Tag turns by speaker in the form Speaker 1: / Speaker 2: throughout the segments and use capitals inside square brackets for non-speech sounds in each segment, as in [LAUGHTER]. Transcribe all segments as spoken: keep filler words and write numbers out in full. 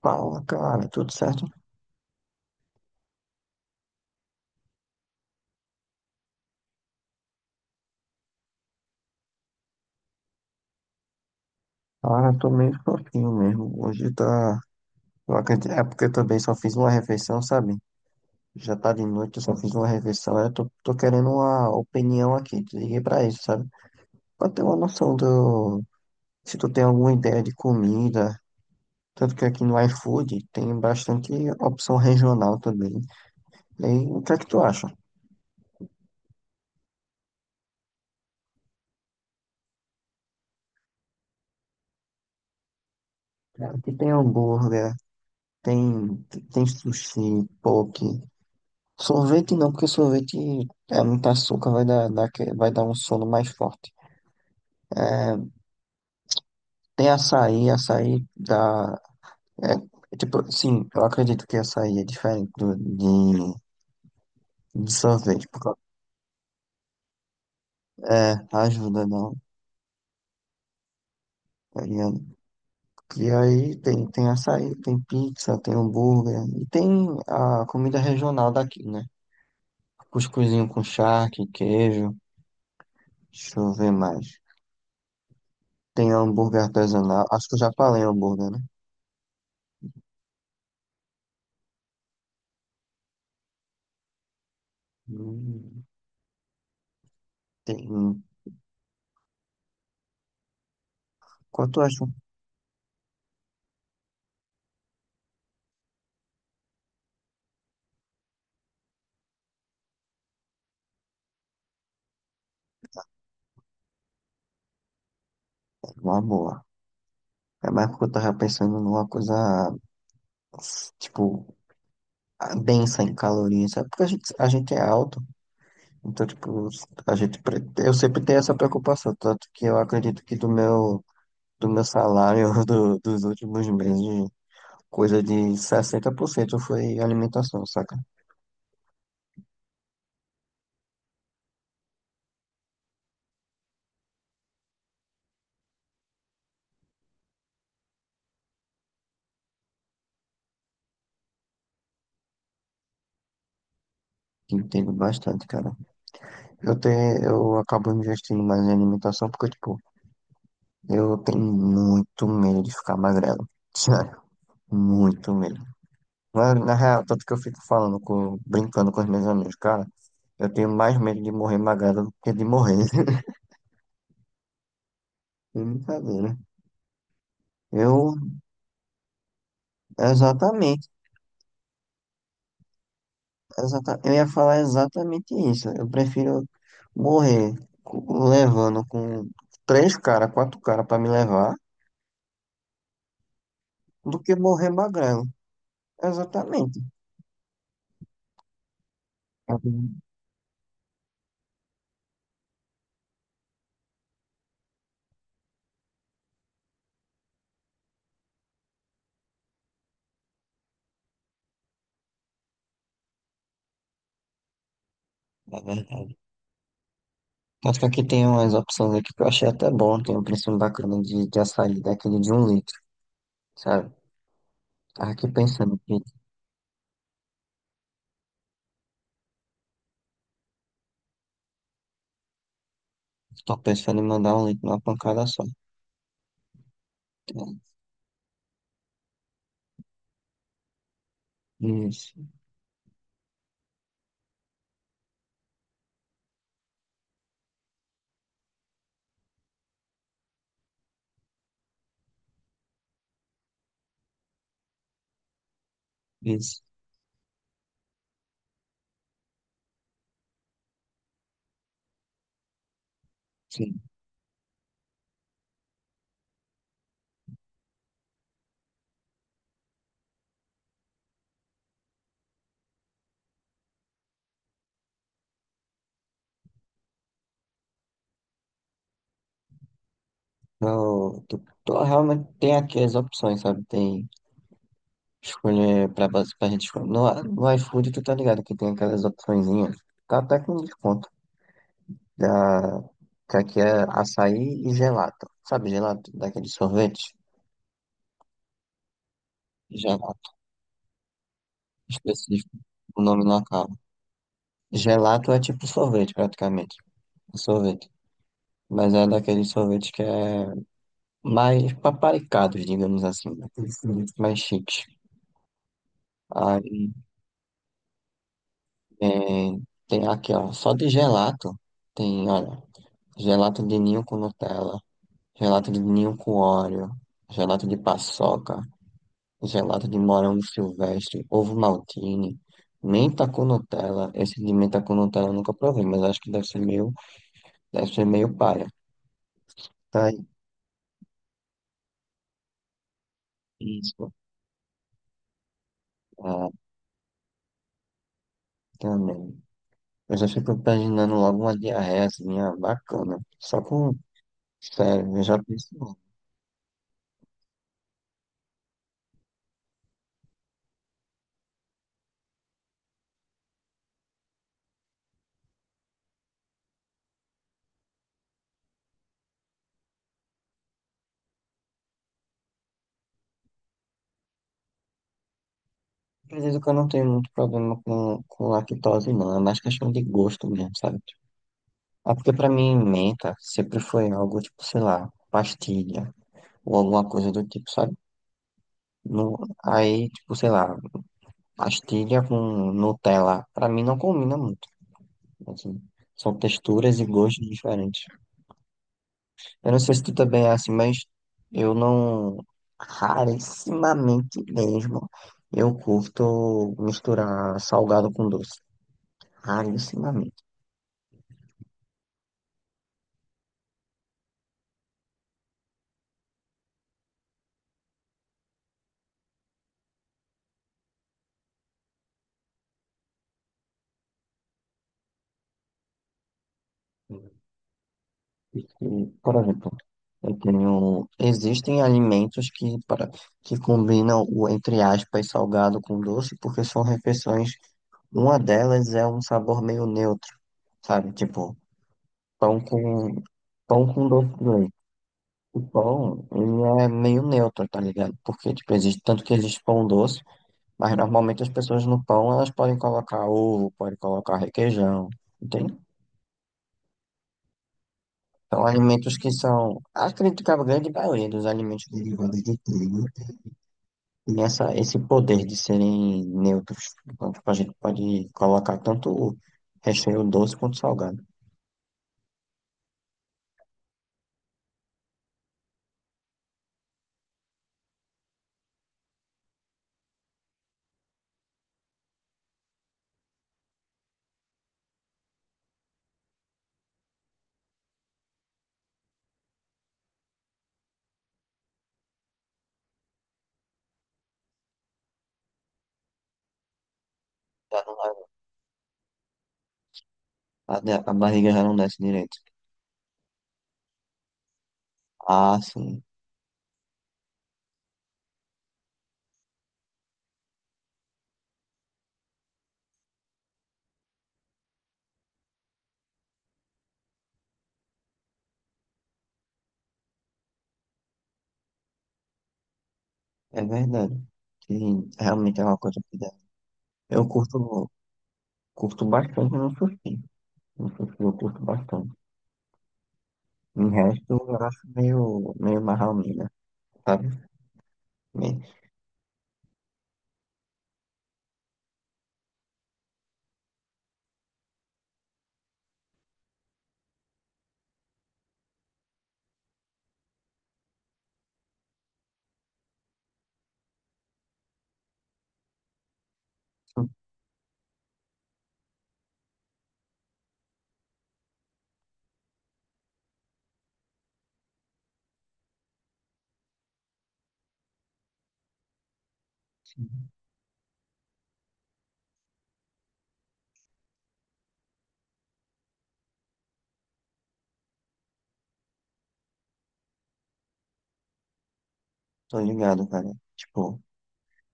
Speaker 1: Fala, cara, tudo certo? Cara, tô meio fraquinho mesmo. Hoje tá. Eu acredito... É porque eu também só fiz uma refeição, sabe? Já tá de noite, eu só fiz uma refeição. Eu tô, tô querendo uma opinião aqui. Te liguei pra isso, sabe? Pra ter uma noção do. Se tu tem alguma ideia de comida. Tanto que aqui no iFood tem bastante opção regional também. E aí, o que é que tu acha? Aqui tem hambúrguer, tem, tem, sushi, poke. Sorvete não, porque sorvete é muito açúcar, vai dar, dar, que- vai dar um sono mais forte. Tem açaí, açaí dá. É, é tipo, sim, eu acredito que açaí é diferente do, de, de sorvete. por causa- É, ajuda, não. Tá ligado? E aí tem, tem açaí, tem pizza, tem hambúrguer, e tem a comida regional daqui, né? Cuscuzinho com charque, queijo, deixa eu ver mais. Tem hambúrguer artesanal, acho que eu já falei hambúrguer, né? Hum. Tem Quanto eu acho uma boa. É mais porque eu tava pensando numa coisa, tipo, ah, densa em calorias, sabe? Porque a gente, a gente é alto, então, tipo, a gente, pre- eu sempre tenho essa preocupação, tanto que eu acredito que do meu, do meu salário [LAUGHS] do- dos últimos meses, coisa de sessenta por cento foi alimentação, saca? Entendo bastante, cara. Eu tenho, eu acabo investindo mais em alimentação porque, tipo, eu tenho muito medo de ficar magrelo. [LAUGHS] Sério, muito medo. Na, na real, tanto que eu fico falando, com, brincando com os meus amigos, cara, eu tenho mais medo de morrer magrelo do que de morrer. [LAUGHS] É brincadeira. Eu, exatamente, exata, eu ia falar exatamente isso. Eu prefiro morrer co- levando com três caras, quatro caras pra me levar, do que morrer magrelo. Exatamente. É verdade. Tanto que aqui tem umas opções aqui que eu achei até bom. Tem um preço bacana de, de açaí, daquele de um litro, sabe? Tava aqui pensando. Que Tô pensando em mandar um link numa pancada só. Então, Isso, isso, sim. Eu tô, tô- realmente tem aqui as opções, sabe? Tem escolher pra, base- pra gente escolher. No, no iFood, tu tá ligado que tem aquelas opçõezinhas. Tá até com desconto. Da, que aqui é açaí e gelato. Sabe, gelato? Daquele sorvete? Gelato, específico. O nome na cara. Gelato é tipo sorvete, praticamente. É sorvete. Mas é daquele sorvete que é mais paparicados, digamos assim, né? Aqueles produtos mais chiques. Aí é, tem aqui, ó, só de gelato, tem, olha, gelato de ninho com Nutella, gelato de ninho com Oreo, gelato de paçoca, gelato de morango silvestre, ovo maltine, menta com Nutella. Esse de menta com Nutella eu nunca provei, mas acho que deve ser meio, deve ser meio paia. Tá aí. Isso, ah, também. Eu já fico imaginando logo uma diarreia assim, ah, bacana. Só com Sério, eu já pensei. Acredito que eu não tenho muito problema com, com lactose, não. É mais questão de gosto mesmo, sabe? Ah, porque pra mim, menta sempre foi algo, tipo, sei lá, pastilha ou alguma coisa do tipo, sabe? No, Aí, tipo, sei lá, pastilha com Nutella, pra mim não combina muito assim. São texturas e gostos diferentes. Eu não sei se tu também é assim, mas eu não, rarissimamente mesmo, eu curto misturar salgado com doce. Alucinamento. Porque, por exemplo, eu tenho. Existem alimentos que, para, que combinam o, entre aspas, salgado com doce, porque são refeições. Uma delas é um sabor meio neutro, sabe? Tipo, pão com, pão com doce de leite. O pão, ele é meio neutro, tá ligado? Porque, tipo, existe, tanto que existe pão doce, mas normalmente as pessoas no pão, elas podem colocar ovo, podem colocar requeijão. Tem São alimentos que são, acredito que a grande maioria dos alimentos derivados de trigo tem essa, esse poder de serem neutros. Então, tipo, a gente pode colocar tanto recheio doce quanto salgado. Já não vai- a, a barriga já não desce direito. Ah, sim, é verdade. Que realmente é uma coisa que dá. Eu curto, curto bastante no sushi. No sushi eu curto bastante. Em resto, eu acho meio, meio marra-mina, sabe? Meio- Tô ligado, cara. Tipo.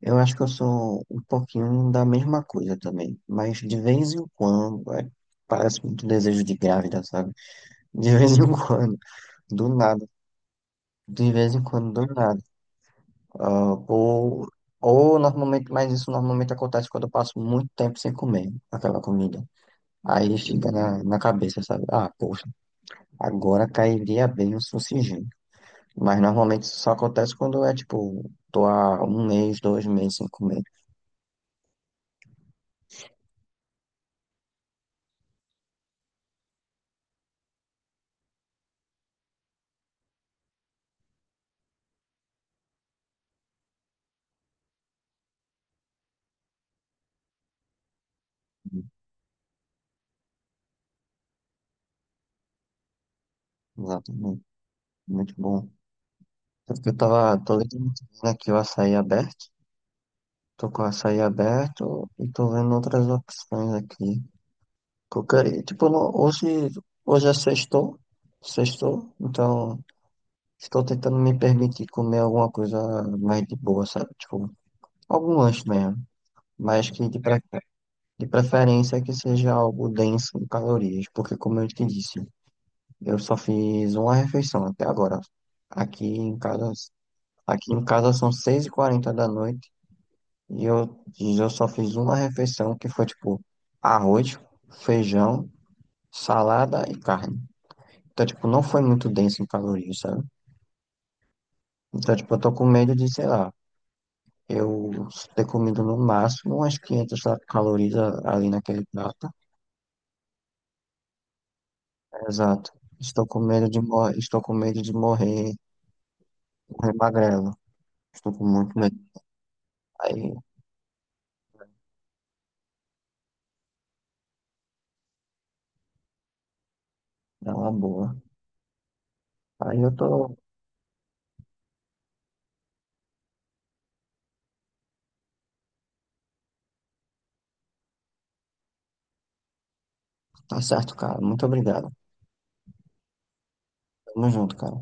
Speaker 1: Eu acho que eu sou um pouquinho da mesma coisa também, mas de vez em quando, é, parece muito desejo de grávida, sabe? [LAUGHS] De vez em [LAUGHS] quando, do nada, de vez em quando, do nada. Ah, ou, ou normalmente, mas isso normalmente acontece quando eu passo muito tempo sem comer aquela comida. Aí fica na, na cabeça, sabe? Ah, poxa, agora cairia bem o sucingem. Mas normalmente isso só acontece quando é tipo, tô há um mês, dois meses sem comer. Exatamente, muito bom. Tanto que Eu tava, tô literalmente vendo aqui o açaí aberto. Tô com o açaí aberto e tô vendo outras opções aqui. Qualquer, tipo, no- hoje, hoje é sextou, sextou, então estou tentando me permitir comer alguma coisa mais de boa, sabe? Tipo, algum lanche mesmo, mas que de, pre- de preferência que seja algo denso em calorias, porque como eu te disse, eu só fiz uma refeição até agora. Aqui em casa, aqui em casa são seis e quarenta da noite. E eu, e eu só fiz uma refeição que foi tipo arroz, feijão, salada e carne. Então, tipo, não foi muito denso em calorias, sabe? Então, tipo, eu tô com medo de, sei lá, eu ter comido no máximo umas quinhentas calorias a- ali naquele prato. Exato. Estou com medo de morrer, estou com medo de morrer, morrer magrelo. Estou com muito medo. Aí, dá uma boa. Aí eu tô, tá certo, cara. Muito obrigado. Tamo junto, cara.